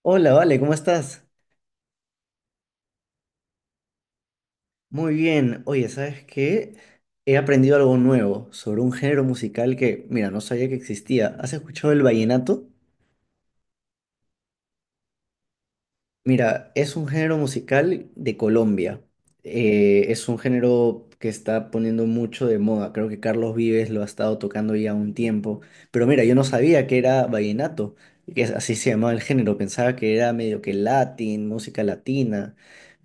Hola, Vale, ¿cómo estás? Muy bien. Oye, ¿sabes qué? He aprendido algo nuevo sobre un género musical que, mira, no sabía que existía. ¿Has escuchado el vallenato? Mira, es un género musical de Colombia. Es un género que está poniendo mucho de moda. Creo que Carlos Vives lo ha estado tocando ya un tiempo. Pero mira, yo no sabía que era vallenato, así se llamaba el género. Pensaba que era medio que latín, música latina.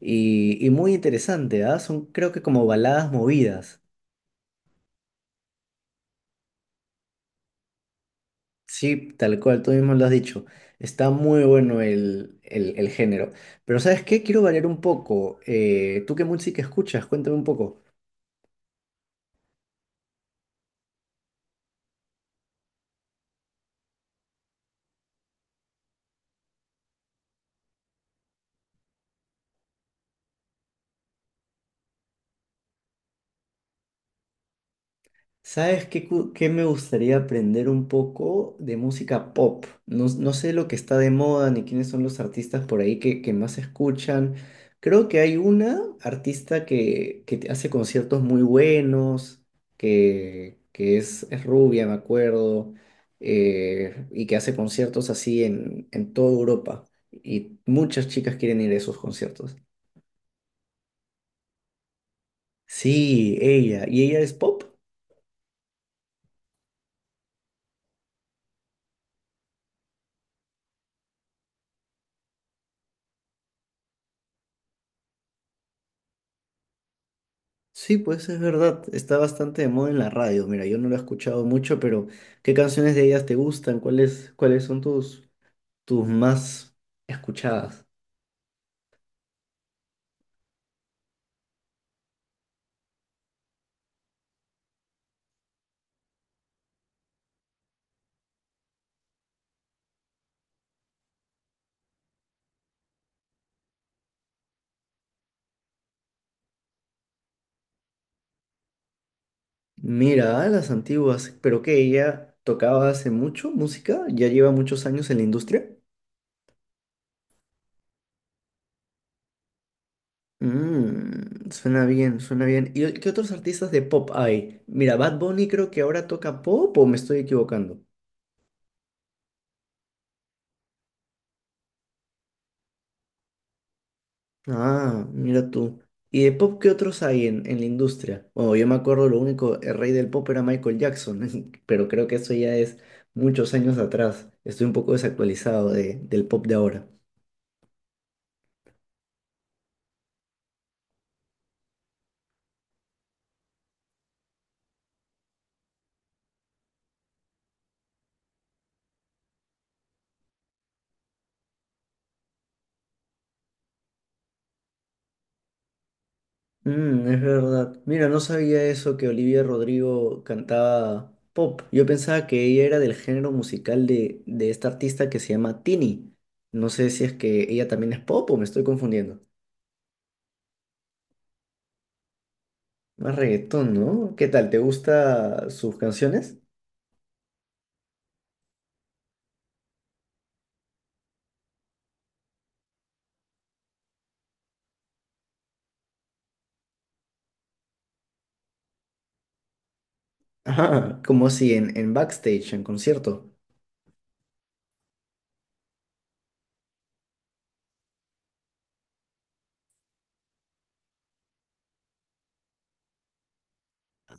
Y muy interesante, ¿ah? Son creo que como baladas movidas. Sí, tal cual, tú mismo lo has dicho. Está muy bueno el género. Pero ¿sabes qué? Quiero variar un poco. ¿Tú qué música escuchas? Cuéntame un poco. ¿Sabes qué, cu- qué me gustaría aprender un poco de música pop? No sé lo que está de moda ni quiénes son los artistas por ahí que más escuchan. Creo que hay una artista que te hace conciertos muy buenos, que es rubia, me acuerdo, y que hace conciertos así en toda Europa. Y muchas chicas quieren ir a esos conciertos. Sí, ella. ¿Y ella es pop? Sí, pues es verdad, está bastante de moda en la radio. Mira, yo no lo he escuchado mucho, pero ¿qué canciones de ellas te gustan? ¿Cuáles son tus, tus más escuchadas? Mira, ah, las antiguas, pero que ella tocaba hace mucho música, ya lleva muchos años en la industria. Mm, suena bien, suena bien. ¿Y qué otros artistas de pop hay? Mira, Bad Bunny creo que ahora toca pop o me estoy equivocando. Ah, mira tú. ¿Y de pop qué otros hay en la industria? Bueno, yo me acuerdo lo único, el rey del pop era Michael Jackson, pero creo que eso ya es muchos años atrás. Estoy un poco desactualizado del pop de ahora. Mm, es verdad. Mira, no sabía eso que Olivia Rodrigo cantaba pop. Yo pensaba que ella era del género musical de esta artista que se llama Tini. No sé si es que ella también es pop o me estoy confundiendo. Más reggaetón, ¿no? ¿Qué tal? ¿Te gustan sus canciones? Ah, como si en backstage, en concierto.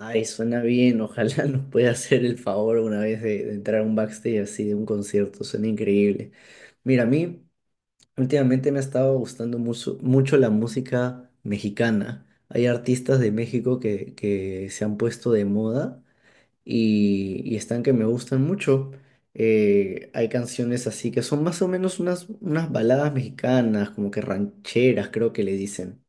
Ay, suena bien, ojalá nos pueda hacer el favor una vez de entrar a un backstage así de un concierto, suena increíble. Mira, a mí últimamente me ha estado gustando mucho, mucho la música mexicana. Hay artistas de México que se han puesto de moda y están que me gustan mucho. Hay canciones así que son más o menos unas baladas mexicanas, como que rancheras, creo que le dicen.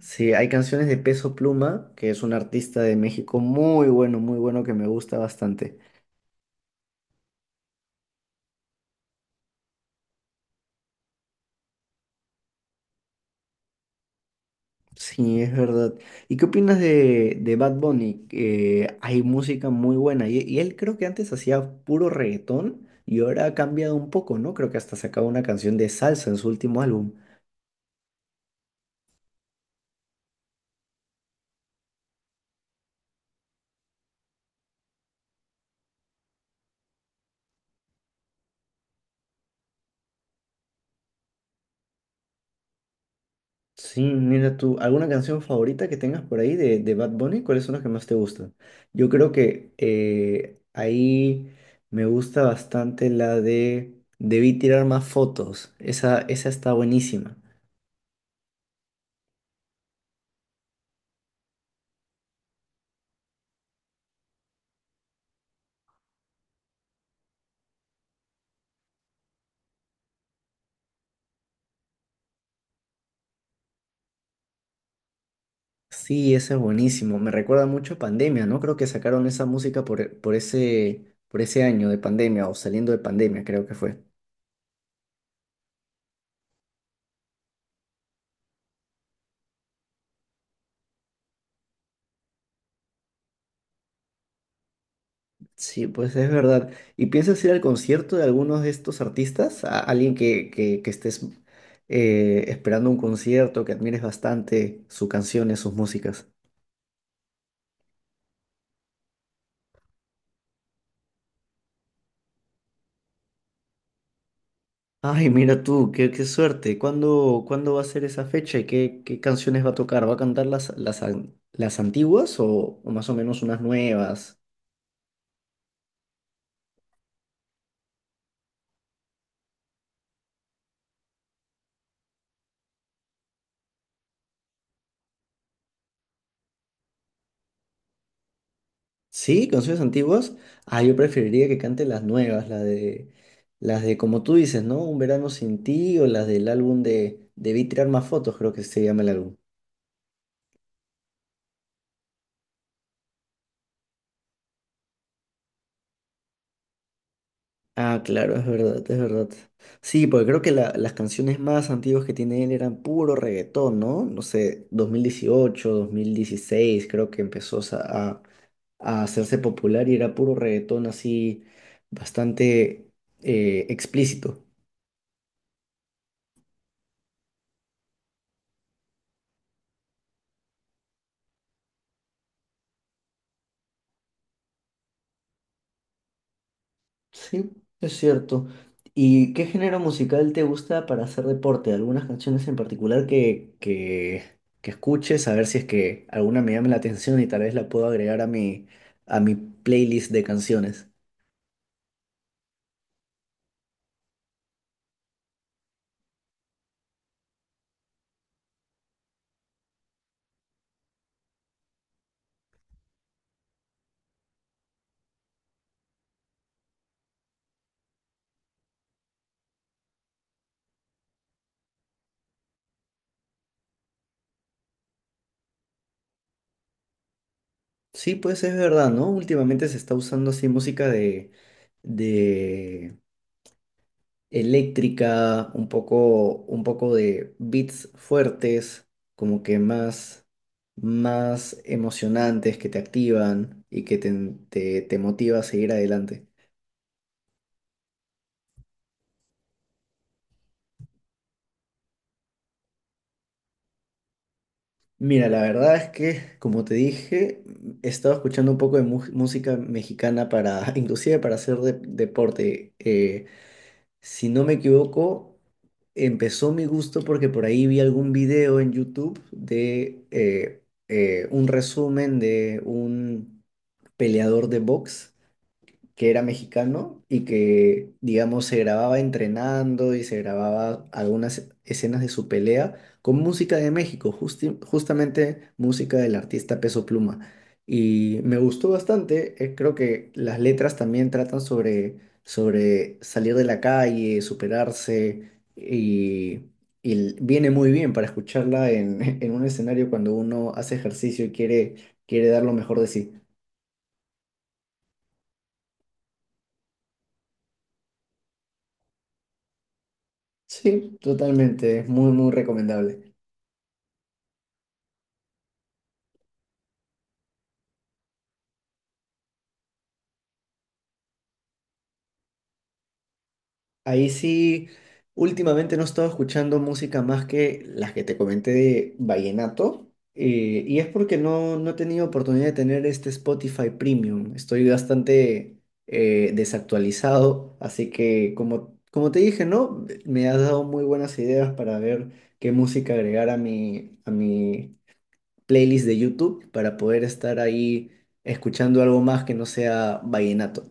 Sí, hay canciones de Peso Pluma, que es un artista de México muy bueno, muy bueno, que me gusta bastante. Sí, es verdad. ¿Y qué opinas de Bad Bunny? Hay música muy buena y él creo que antes hacía puro reggaetón y ahora ha cambiado un poco, ¿no? Creo que hasta sacaba una canción de salsa en su último álbum. Sí, mira tú, ¿alguna canción favorita que tengas por ahí de Bad Bunny? ¿Cuáles son las que más te gustan? Yo creo que ahí me gusta bastante la de Debí tirar más fotos. Esa está buenísima. Sí, esa es buenísimo. Me recuerda mucho a Pandemia, ¿no? Creo que sacaron esa música por ese año de pandemia o saliendo de pandemia, creo que fue. Sí, pues es verdad. ¿Y piensas ir al concierto de algunos de estos artistas? ¿A alguien que estés esperando un concierto, que admires bastante sus canciones, sus músicas? Ay, mira tú, qué, qué suerte. ¿Cuándo va a ser esa fecha y qué, qué canciones va a tocar? ¿Va a cantar las, las antiguas o más o menos unas nuevas? Sí, canciones antiguas. Ah, yo preferiría que cante las nuevas, las de como tú dices, ¿no? Un verano sin ti o las del álbum de Debí tirar más fotos, creo que se llama el álbum. Ah, claro, es verdad, es verdad. Sí, porque creo que las canciones más antiguas que tiene él eran puro reggaetón, ¿no? No sé, 2018, 2016, creo que empezó a hacerse popular y era puro reggaetón así, bastante explícito. Sí, es cierto. ¿Y qué género musical te gusta para hacer deporte? ¿Algunas canciones en particular que escuches? A ver si es que alguna me llame la atención y tal vez la puedo agregar a a mi playlist de canciones. Sí, pues es verdad, ¿no? Últimamente se está usando así música de eléctrica, un poco de beats fuertes, como que más, más emocionantes que te activan y que te motiva a seguir adelante. Mira, la verdad es que, como te dije, he estado escuchando un poco de música mexicana para, inclusive para hacer deporte. Si no me equivoco, empezó mi gusto porque por ahí vi algún video en YouTube de un resumen de un peleador de box que era mexicano y que, digamos, se grababa entrenando y se grababa algunas escenas de su pelea con música de México, justamente música del artista Peso Pluma. Y me gustó bastante, creo que las letras también tratan sobre, sobre salir de la calle, superarse y... Y viene muy bien para escucharla en, en un escenario cuando uno hace ejercicio y quiere, quiere dar lo mejor de sí. Sí, totalmente, es muy, muy recomendable. Ahí sí, últimamente no he estado escuchando música más que las que te comenté de vallenato, y es porque no he tenido oportunidad de tener este Spotify Premium. Estoy bastante desactualizado, así que como, como te dije, ¿no? Me has dado muy buenas ideas para ver qué música agregar a a mi playlist de YouTube para poder estar ahí escuchando algo más que no sea vallenato.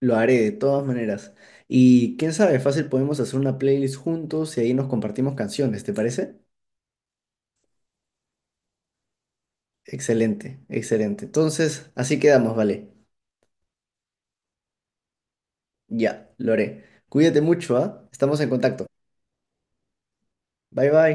Lo haré de todas maneras. Y quién sabe, fácil podemos hacer una playlist juntos y ahí nos compartimos canciones, ¿te parece? Excelente, excelente. Entonces, así quedamos, vale. Ya, lo haré. Cuídate mucho, ¿ah? Estamos en contacto. Bye bye.